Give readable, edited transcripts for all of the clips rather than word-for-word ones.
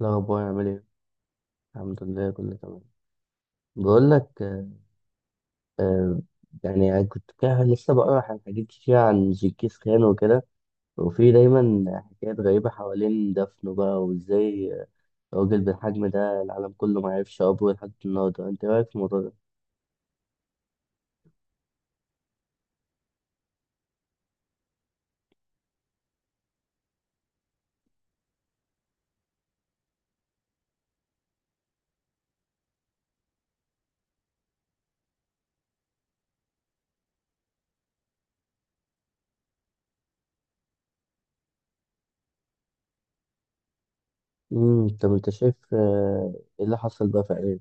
الأخبار عامل إيه؟ الحمد لله كله تمام. بقول لك، آه يعني أنا كنت كده لسه بقرا عن حاجات كتير عن جنكيز خان وكده. وفي دايما حكايات غريبة حوالين دفنه، بقى وإزاي راجل بالحجم ده العالم كله ما عرفش قبره لحد النهاردة. أنت إيه رأيك في الموضوع ده؟ طب أنت شايف، إيه اللي حصل بقى فعليا؟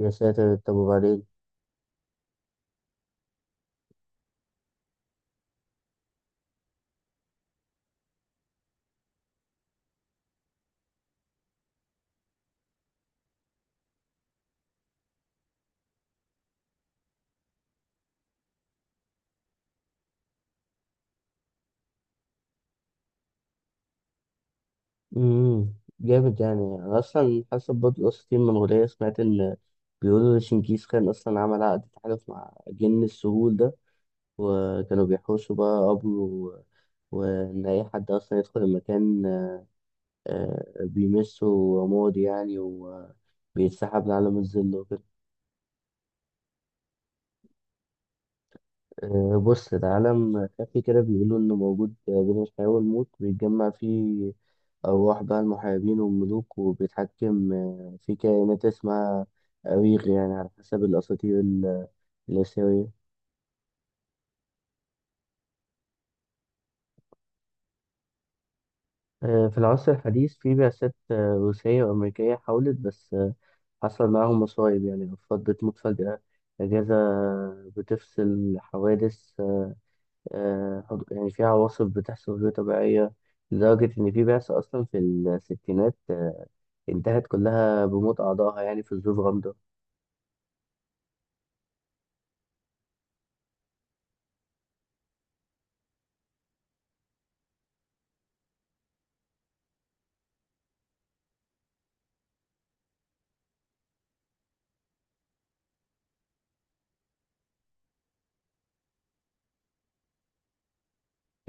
يا ساتر، طب وبعدين؟ امم جامد. يعني انا اصلا حسب برضه قصة المنغولية، سمعت ان بيقولوا شنكيز خان اصلا عمل عقد تحالف مع جن السهول ده، وكانوا بيحوشوا بقى قبره وان اي حد اصلا يدخل المكان، بيمسه وماضي يعني، وبيتسحب لعالم الظل وكده. بص ده عالم خفي كده، بيقولوا إنه موجود بين الحياة والموت، بيتجمع فيه أرواح بقى المحاربين والملوك، وبيتحكم في كائنات اسمها أويغ، يعني على حسب الأساطير الآسيوية. في العصر الحديث في بعثات روسية وأمريكية حاولت، بس حصل معاهم مصايب. يعني أفراد بتموت فجأة، أجهزة بتفصل، حوادث، يعني في عواصف بتحصل غير طبيعية، لدرجة إن في بعثة أصلا في الستينات انتهت كلها بموت أعضائها يعني في ظروف غامضة.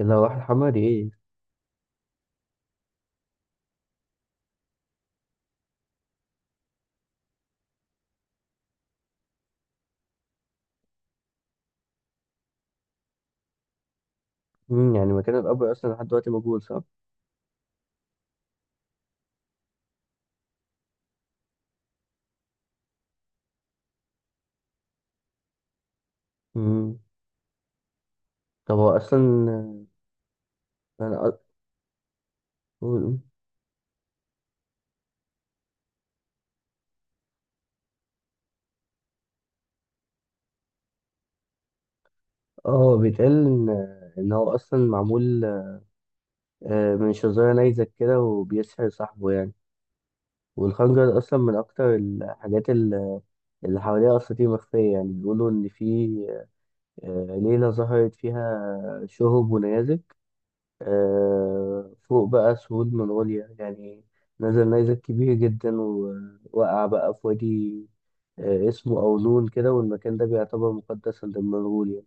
اللي هو الحمراء دي إيه؟ يعني مكان القبر أصلا لحد دلوقتي موجود، صح؟ مم. طب هو أصلا آه، أنا أقول- بيتقال إن إن هو أصلا معمول من شظايا نيزك كده، وبيسحر صاحبه يعني. والخنجر أصلا من أكتر الحاجات اللي حواليها أساطير مخفية. يعني بيقولوا إن في ليلة ظهرت فيها شهب ونيازك فوق بقى سهول منغوليا، يعني نزل نيزك كبير جدا، ووقع بقى في وادي اسمه أولون كده، والمكان ده بيعتبر مقدسا لمنغوليا.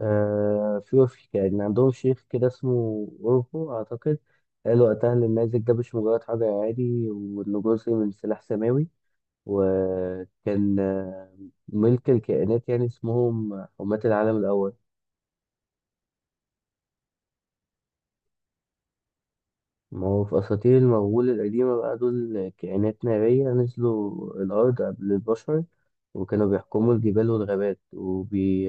آه، في وفي يعني عندهم شيخ كده اسمه أوربو أعتقد، قال وقتها إن النيزك ده مش مجرد حجر عادي، وإنه جزء من سلاح سماوي. وكان ملك الكائنات يعني، اسمهم حماة العالم الأول. ما هو في أساطير المغول القديمة بقى، دول كائنات نارية نزلوا الأرض قبل البشر، وكانوا بيحكموا الجبال والغابات،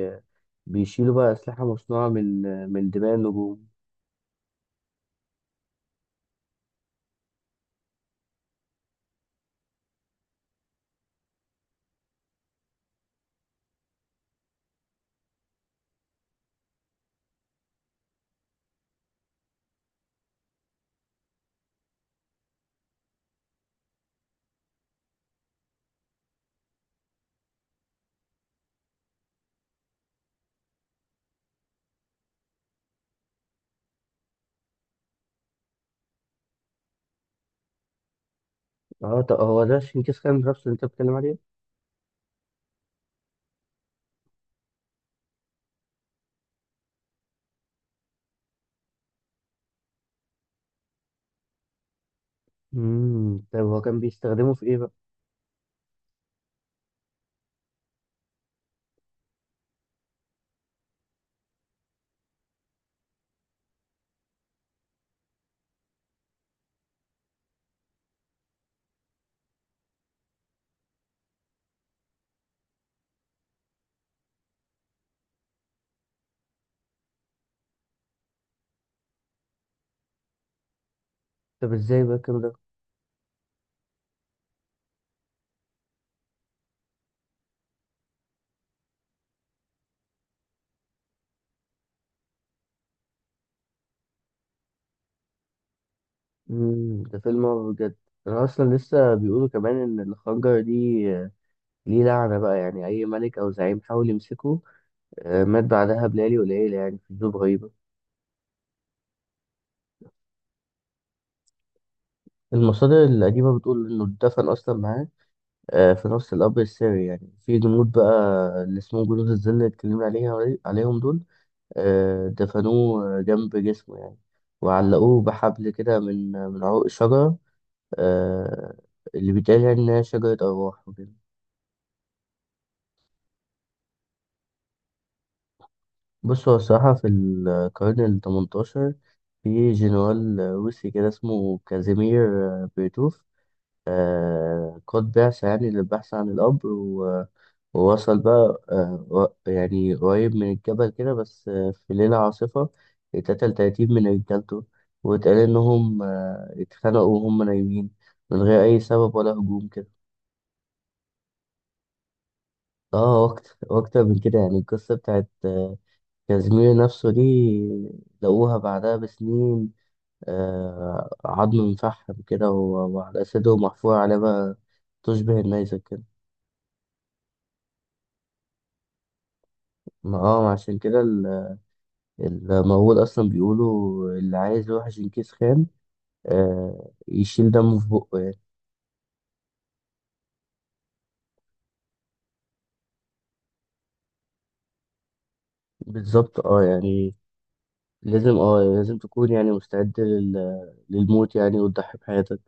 بيشيلوا بقى أسلحة مصنوعة من دماء النجوم. اه، طب هو ده شينكيز خان نفسه اللي انت بتتكلم عليه؟ طب هو كان بيستخدمه في ايه بقى؟ طب ازاي بقى الكلام ده؟ ده فيلم هو بجد. انا اصلا لسه بيقولوا كمان ان الخنجر دي ليه لعنة بقى، يعني اي ملك او زعيم حاول يمسكه مات بعدها بليالي قليلة يعني في ظروف غريبة. المصادر القديمة بتقول إنه اتدفن أصلا معاه في نفس القبر السري، يعني في جنود بقى اللي اسمهم جنود الظل اللي اتكلمنا عليهم دول. دفنوه جنب جسمه يعني، وعلقوه بحبل كده من عروق الشجرة، آه، اللي بيتقال يعني إنها شجرة أرواح وكده. بص هو الصراحة في القرن التمنتاشر في جنرال روسي كده اسمه كازيمير بيرتوف، قد بعث يعني للبحث عن الأمر ووصل بقى يعني قريب من الجبل كده، بس في ليلة عاصفة اتقتل تلاتين من رجالته، واتقال إنهم اتخانقوا وهم نايمين من غير أي سبب ولا هجوم كده. اه، وأكتر وأكتر من كده. يعني القصة بتاعت كازيمير نفسه دي، لقوها بعدها بسنين عظم مفحم كده، وعلى أسده محفور عليه بقى تشبه النيزك كده. ما اه، عشان كده المقول اصلا بيقولوا، اللي عايز يوحش ينكيس خان يشيل دمه في بقه يعني. بالظبط. اه، يعني لازم تكون يعني مستعد للموت، يعني وتضحي بحياتك.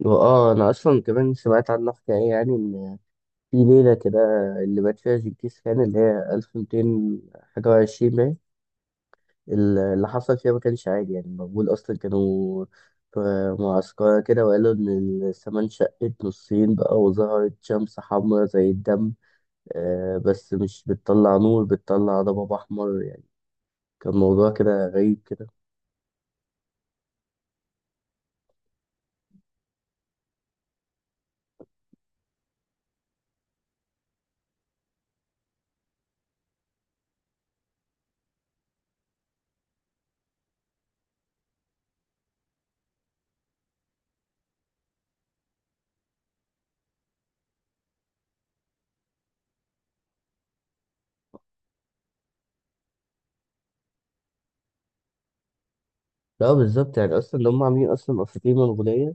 واه، انا اصلا كمان سمعت عنها حكايه، يعني ان في ليله كده اللي مات فيها جنكيز خان، اللي هي 1200 حاجه وعشرين، اللي حصل فيها ما كانش عادي. يعني المغول أصلا كانوا في معسكرة كده، وقالوا إن السماء انشقت نصين بقى، وظهرت شمس حمراء زي الدم، بس مش بتطلع نور، بتطلع ضباب أحمر يعني، كان موضوع كده غريب كده. لا بالظبط، يعني أصلا اللي هم عاملين أصلا أفريقيا منغولية،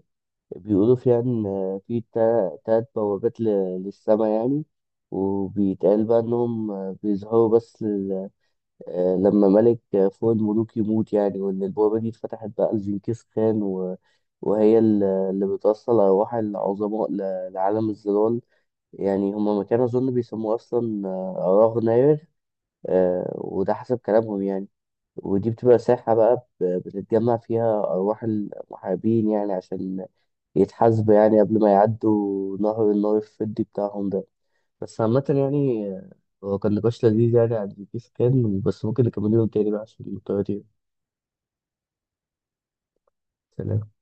بيقولوا فيها إن تلات بوابات للسماء، يعني وبيتقال بقى إنهم بيظهروا بس لما ملك فوق الملوك يموت، يعني وإن البوابة دي اتفتحت بقى لجنكيز خان وهي اللي بتوصل أرواح العظماء لعالم الظلال. يعني هما ما كانوا أظن بيسموه أصلا أراغ ناير، وده حسب كلامهم يعني. ودي بتبقى ساحة بقى بتتجمع فيها أرواح المحاربين، يعني عشان يتحاسبوا يعني قبل ما يعدوا نهر النار الفضي بتاعهم ده. بس عامة يعني، هو كان نقاش لذيذ يعني عن GPS Khan، بس ممكن نكمله يوم تاني بقى عشان الطيارة دي. سلام